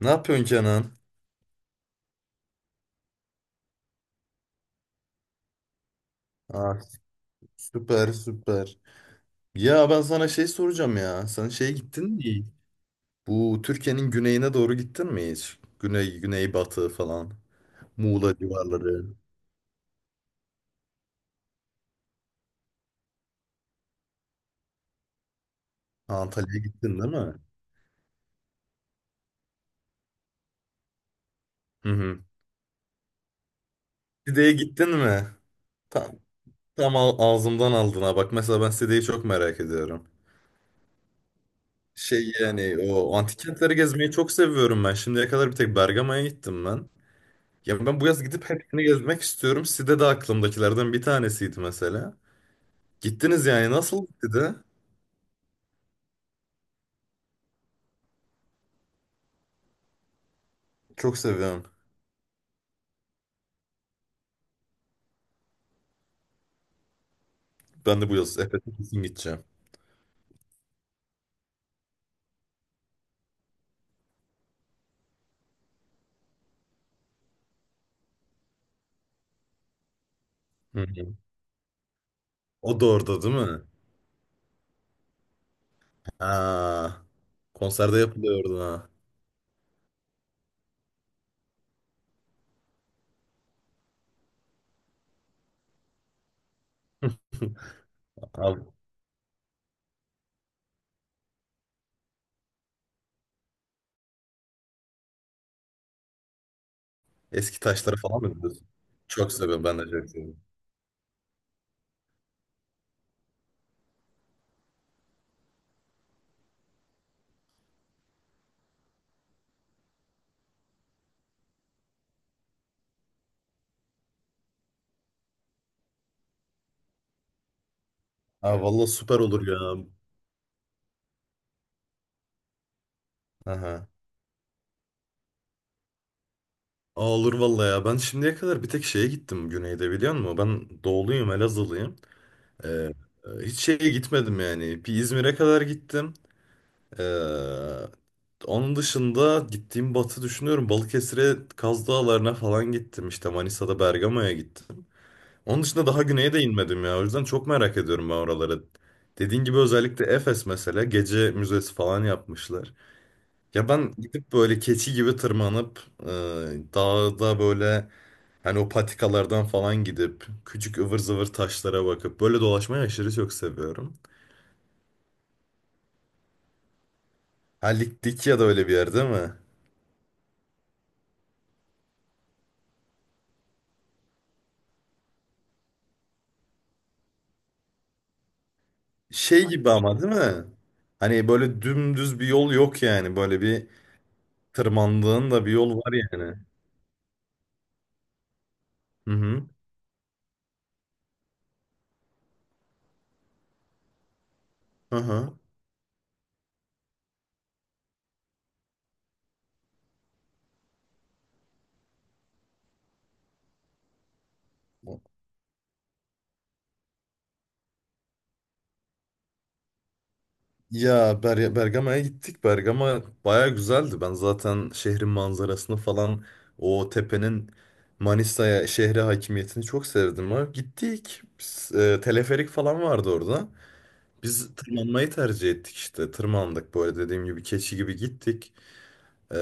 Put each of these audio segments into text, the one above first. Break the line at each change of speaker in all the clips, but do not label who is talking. Ne yapıyorsun Kenan? Ah, süper süper. Ya ben sana şey soracağım ya. Sen şey gittin mi? Bu Türkiye'nin güneyine doğru gittin mi hiç? Güney, güneybatı falan. Muğla civarları. Antalya'ya gittin değil mi? Hı hı. Side'ye gittin mi? Tam, tam, ağzımdan aldın ha. Bak mesela ben Side'yi çok merak ediyorum. Şey yani o antik kentleri gezmeyi çok seviyorum ben. Şimdiye kadar bir tek Bergama'ya gittim ben. Ya ben bu yaz gidip hepsini gezmek istiyorum. Side de aklımdakilerden bir tanesiydi mesela. Gittiniz yani. Nasıl gitti de? Çok seviyorum. Ben de bu yaz Efes'e kesin gideceğim. Hı hı. O da orada değil mi? Ha. Konserde yapılıyordu ha. Abi, eski taşlara falan mı gidiyorsun? Çok seviyorum. Ben de çok seviyorum. Ha, valla süper olur ya. Aha. Aa, olur valla ya. Ben şimdiye kadar bir tek şeye gittim güneyde biliyor musun? Ben doğuluyum, Elazığlıyım. Ee, e, hiç şeye gitmedim yani. Bir İzmir'e kadar gittim. Ee, onun dışında gittiğim batı düşünüyorum. Balıkesir'e Kaz Dağları'na falan gittim. İşte Manisa'da Bergama'ya gittim. Onun dışında daha güneye de inmedim ya. O yüzden çok merak ediyorum ben oraları. Dediğin gibi özellikle Efes mesela gece müzesi falan yapmışlar. Ya ben gidip böyle keçi gibi tırmanıp dağda böyle hani o patikalardan falan gidip küçük ıvır zıvır taşlara bakıp böyle dolaşmayı aşırı çok seviyorum. Ha, Likya da öyle bir yer değil mi? Şey gibi ama değil mi? Hani böyle dümdüz bir yol yok yani. Böyle bir tırmandığın da bir yol var yani. Hı hı. Hı hı. Ya Bergama'ya gittik. Bergama baya güzeldi. Ben zaten şehrin manzarasını falan o tepenin Manisa'ya şehre hakimiyetini çok sevdim. Ha. Gittik. Biz, teleferik falan vardı orada. Biz tırmanmayı tercih ettik işte. Tırmandık böyle dediğim gibi keçi gibi gittik. Ee,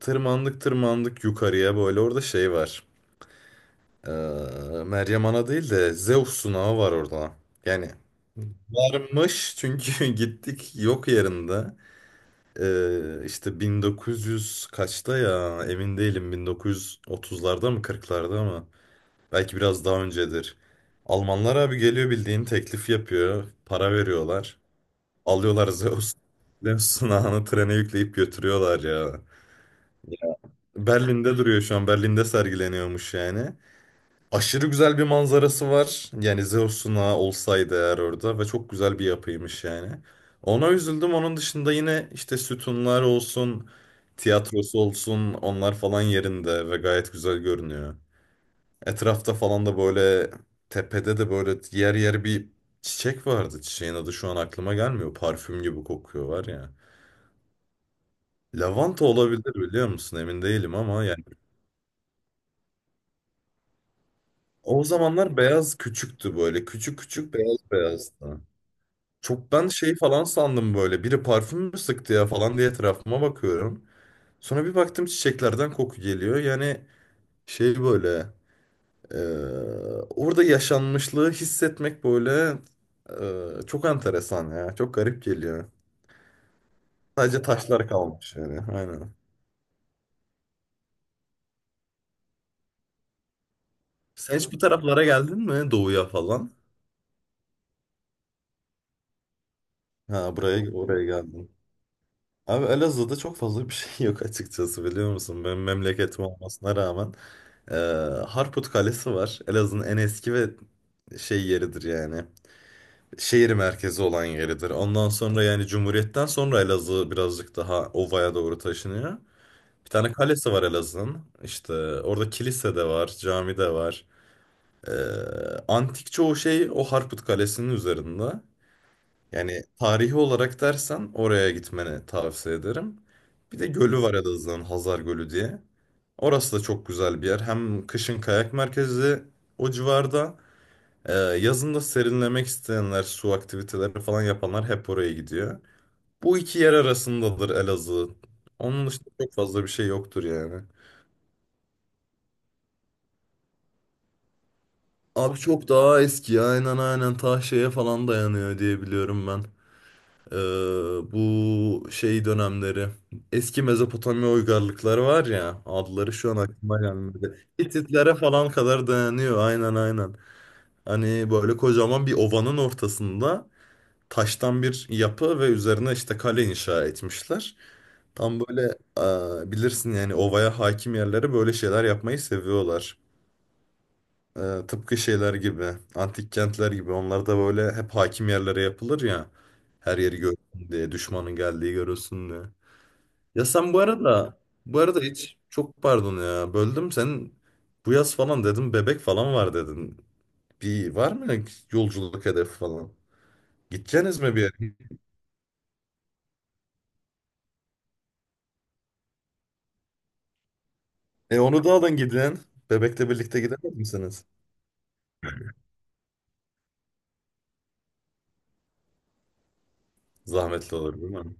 tırmandık tırmandık yukarıya böyle orada şey var. Ee, Meryem Ana değil de Zeus sunağı var orada. Yani varmış çünkü gittik yok yerinde. İşte 1900 kaçta ya emin değilim, 1930'larda mı 40'larda mı? Belki biraz daha öncedir. Almanlar abi geliyor, bildiğin teklif yapıyor. Para veriyorlar. Alıyorlar Zeus, Zeus sunağını trene yükleyip götürüyorlar ya. Berlin'de duruyor şu an. Berlin'de sergileniyormuş yani. Aşırı güzel bir manzarası var. Yani Zeus'una olsaydı eğer orada ve çok güzel bir yapıymış yani. Ona üzüldüm. Onun dışında yine işte sütunlar olsun, tiyatrosu olsun onlar falan yerinde ve gayet güzel görünüyor. Etrafta falan da böyle tepede de böyle yer yer bir çiçek vardı. Çiçeğin adı şu an aklıma gelmiyor. Parfüm gibi kokuyor var ya. Lavanta olabilir biliyor musun? Emin değilim ama... O zamanlar beyaz küçüktü böyle. Küçük küçük beyaz beyazdı. Çok ben şey falan sandım böyle. Biri parfüm mü sıktı ya falan diye etrafıma bakıyorum. Sonra bir baktım çiçeklerden koku geliyor. Yani şey böyle e, orada yaşanmışlığı hissetmek böyle çok enteresan ya. Çok garip geliyor. Sadece taşlar kalmış yani. Aynen. Sen hiç bu taraflara geldin mi? Doğuya falan. Ha, buraya oraya geldin. Abi Elazığ'da çok fazla bir şey yok açıkçası biliyor musun? Benim memleketim olmasına rağmen. Ee, Harput Kalesi var. Elazığ'ın en eski ve şey yeridir yani. Şehir merkezi olan yeridir. Ondan sonra yani Cumhuriyet'ten sonra Elazığ birazcık daha ovaya doğru taşınıyor. Bir tane kalesi var Elazığ'ın. İşte orada kilise de var, cami de var. Ee, antik çoğu şey o Harput Kalesi'nin üzerinde. Yani tarihi olarak dersen oraya gitmeni tavsiye ederim. Bir de gölü var Elazığ'ın, Hazar Gölü diye. Orası da çok güzel bir yer. Hem kışın kayak merkezi o civarda. Yazın da serinlemek isteyenler, su aktiviteleri falan yapanlar hep oraya gidiyor. Bu iki yer arasındadır Elazığ. Onun dışında çok fazla bir şey yoktur yani. Abi çok daha eski ya. Aynen aynen, ta şeye falan dayanıyor diye biliyorum ben. Ee, bu şey dönemleri eski Mezopotamya uygarlıkları var ya, adları şu an aklıma gelmedi. Hititlere falan kadar dayanıyor, aynen aynen. Hani böyle kocaman bir ovanın ortasında taştan bir yapı ve üzerine işte kale inşa etmişler. Tam böyle bilirsin yani, ovaya hakim yerlere böyle şeyler yapmayı seviyorlar. Ee, tıpkı şeyler gibi, antik kentler gibi onlar da böyle hep hakim yerlere yapılır ya. Her yeri görsün diye, düşmanın geldiği görülsün diye. Ya sen bu arada, hiç, çok pardon ya böldüm, sen bu yaz falan dedim, bebek falan var dedin. Bir var mı yolculuk hedefi falan? Gideceğiniz mi bir yere? E onu da alın gidin. Bebekle birlikte gidemez misiniz? Zahmetli olur değil mi?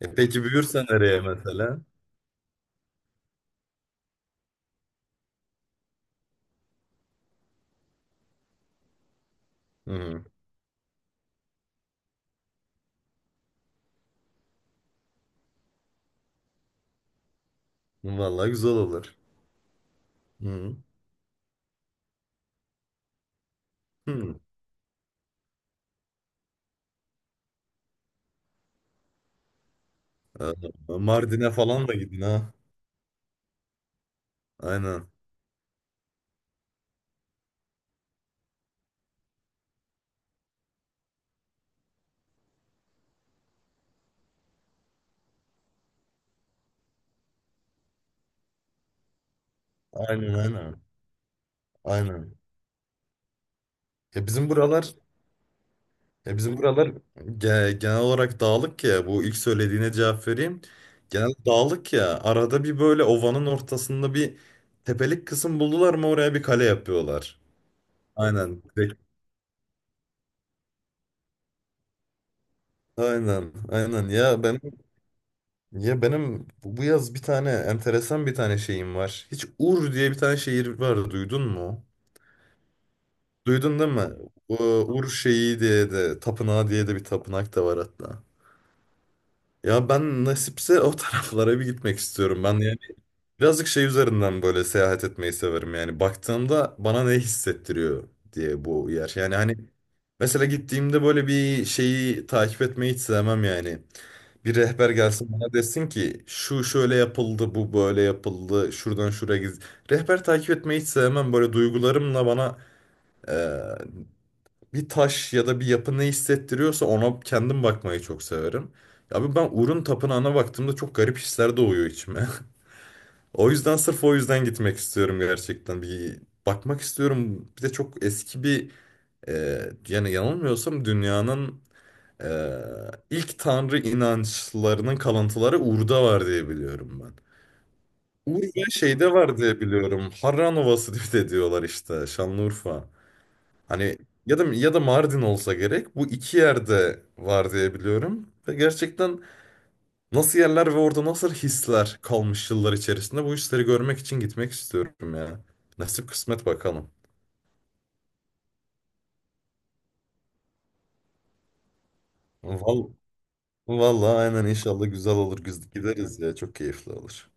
E peki büyürsen nereye mesela? Hı. Vallahi güzel olur. Hı. Hı. Ha, Mardin'e falan da gidin ha. Aynen. Aynen aynen. Aynen. Ya bizim buralar ya bizim buralar, genel olarak dağlık ya. Bu ilk söylediğine cevap vereyim. Genel dağlık ya. Arada bir böyle ovanın ortasında bir tepelik kısım buldular mı oraya bir kale yapıyorlar. Aynen. Aynen. Aynen. Ya benim, bu yaz bir tane enteresan bir tane şeyim var. Hiç Ur diye bir tane şehir var. Duydun mu? Duydun değil mi? U- Ur şeyi diye de, tapınağı diye de bir tapınak da var hatta. Ya ben nasipse o taraflara bir gitmek istiyorum. Ben yani birazcık şey üzerinden böyle seyahat etmeyi severim. Yani baktığımda bana ne hissettiriyor diye bu yer. Yani hani mesela gittiğimde böyle bir şeyi takip etmeyi hiç sevmem yani. Bir rehber gelsin bana desin ki şu şöyle yapıldı, bu böyle yapıldı, şuradan şuraya giz. Rehber takip etmeyi hiç sevmem. Böyle duygularımla bana bir taş ya da bir yapı ne hissettiriyorsa ona kendim bakmayı çok severim. Abi ben Urun Tapınağı'na baktığımda çok garip hisler doğuyor içime. O yüzden, sırf o yüzden gitmek istiyorum gerçekten. Bir bakmak istiyorum. Bir de çok eski bir e, yani yanılmıyorsam dünyanın e, ilk tanrı inançlarının kalıntıları Ur'da var diye biliyorum ben. Ur ve şeyde var diye biliyorum. Harran Ovası diye de diyorlar, işte Şanlıurfa. Hani ya da Mardin olsa gerek. Bu iki yerde var diye biliyorum. Ve gerçekten nasıl yerler ve orada nasıl hisler kalmış yıllar içerisinde, bu hisleri görmek için gitmek istiyorum ya. Nasip kısmet bakalım. Val vallahi aynen, inşallah güzel olur. Gideriz ya, çok keyifli olur.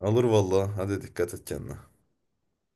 Olur vallahi. Hadi dikkat et kendine.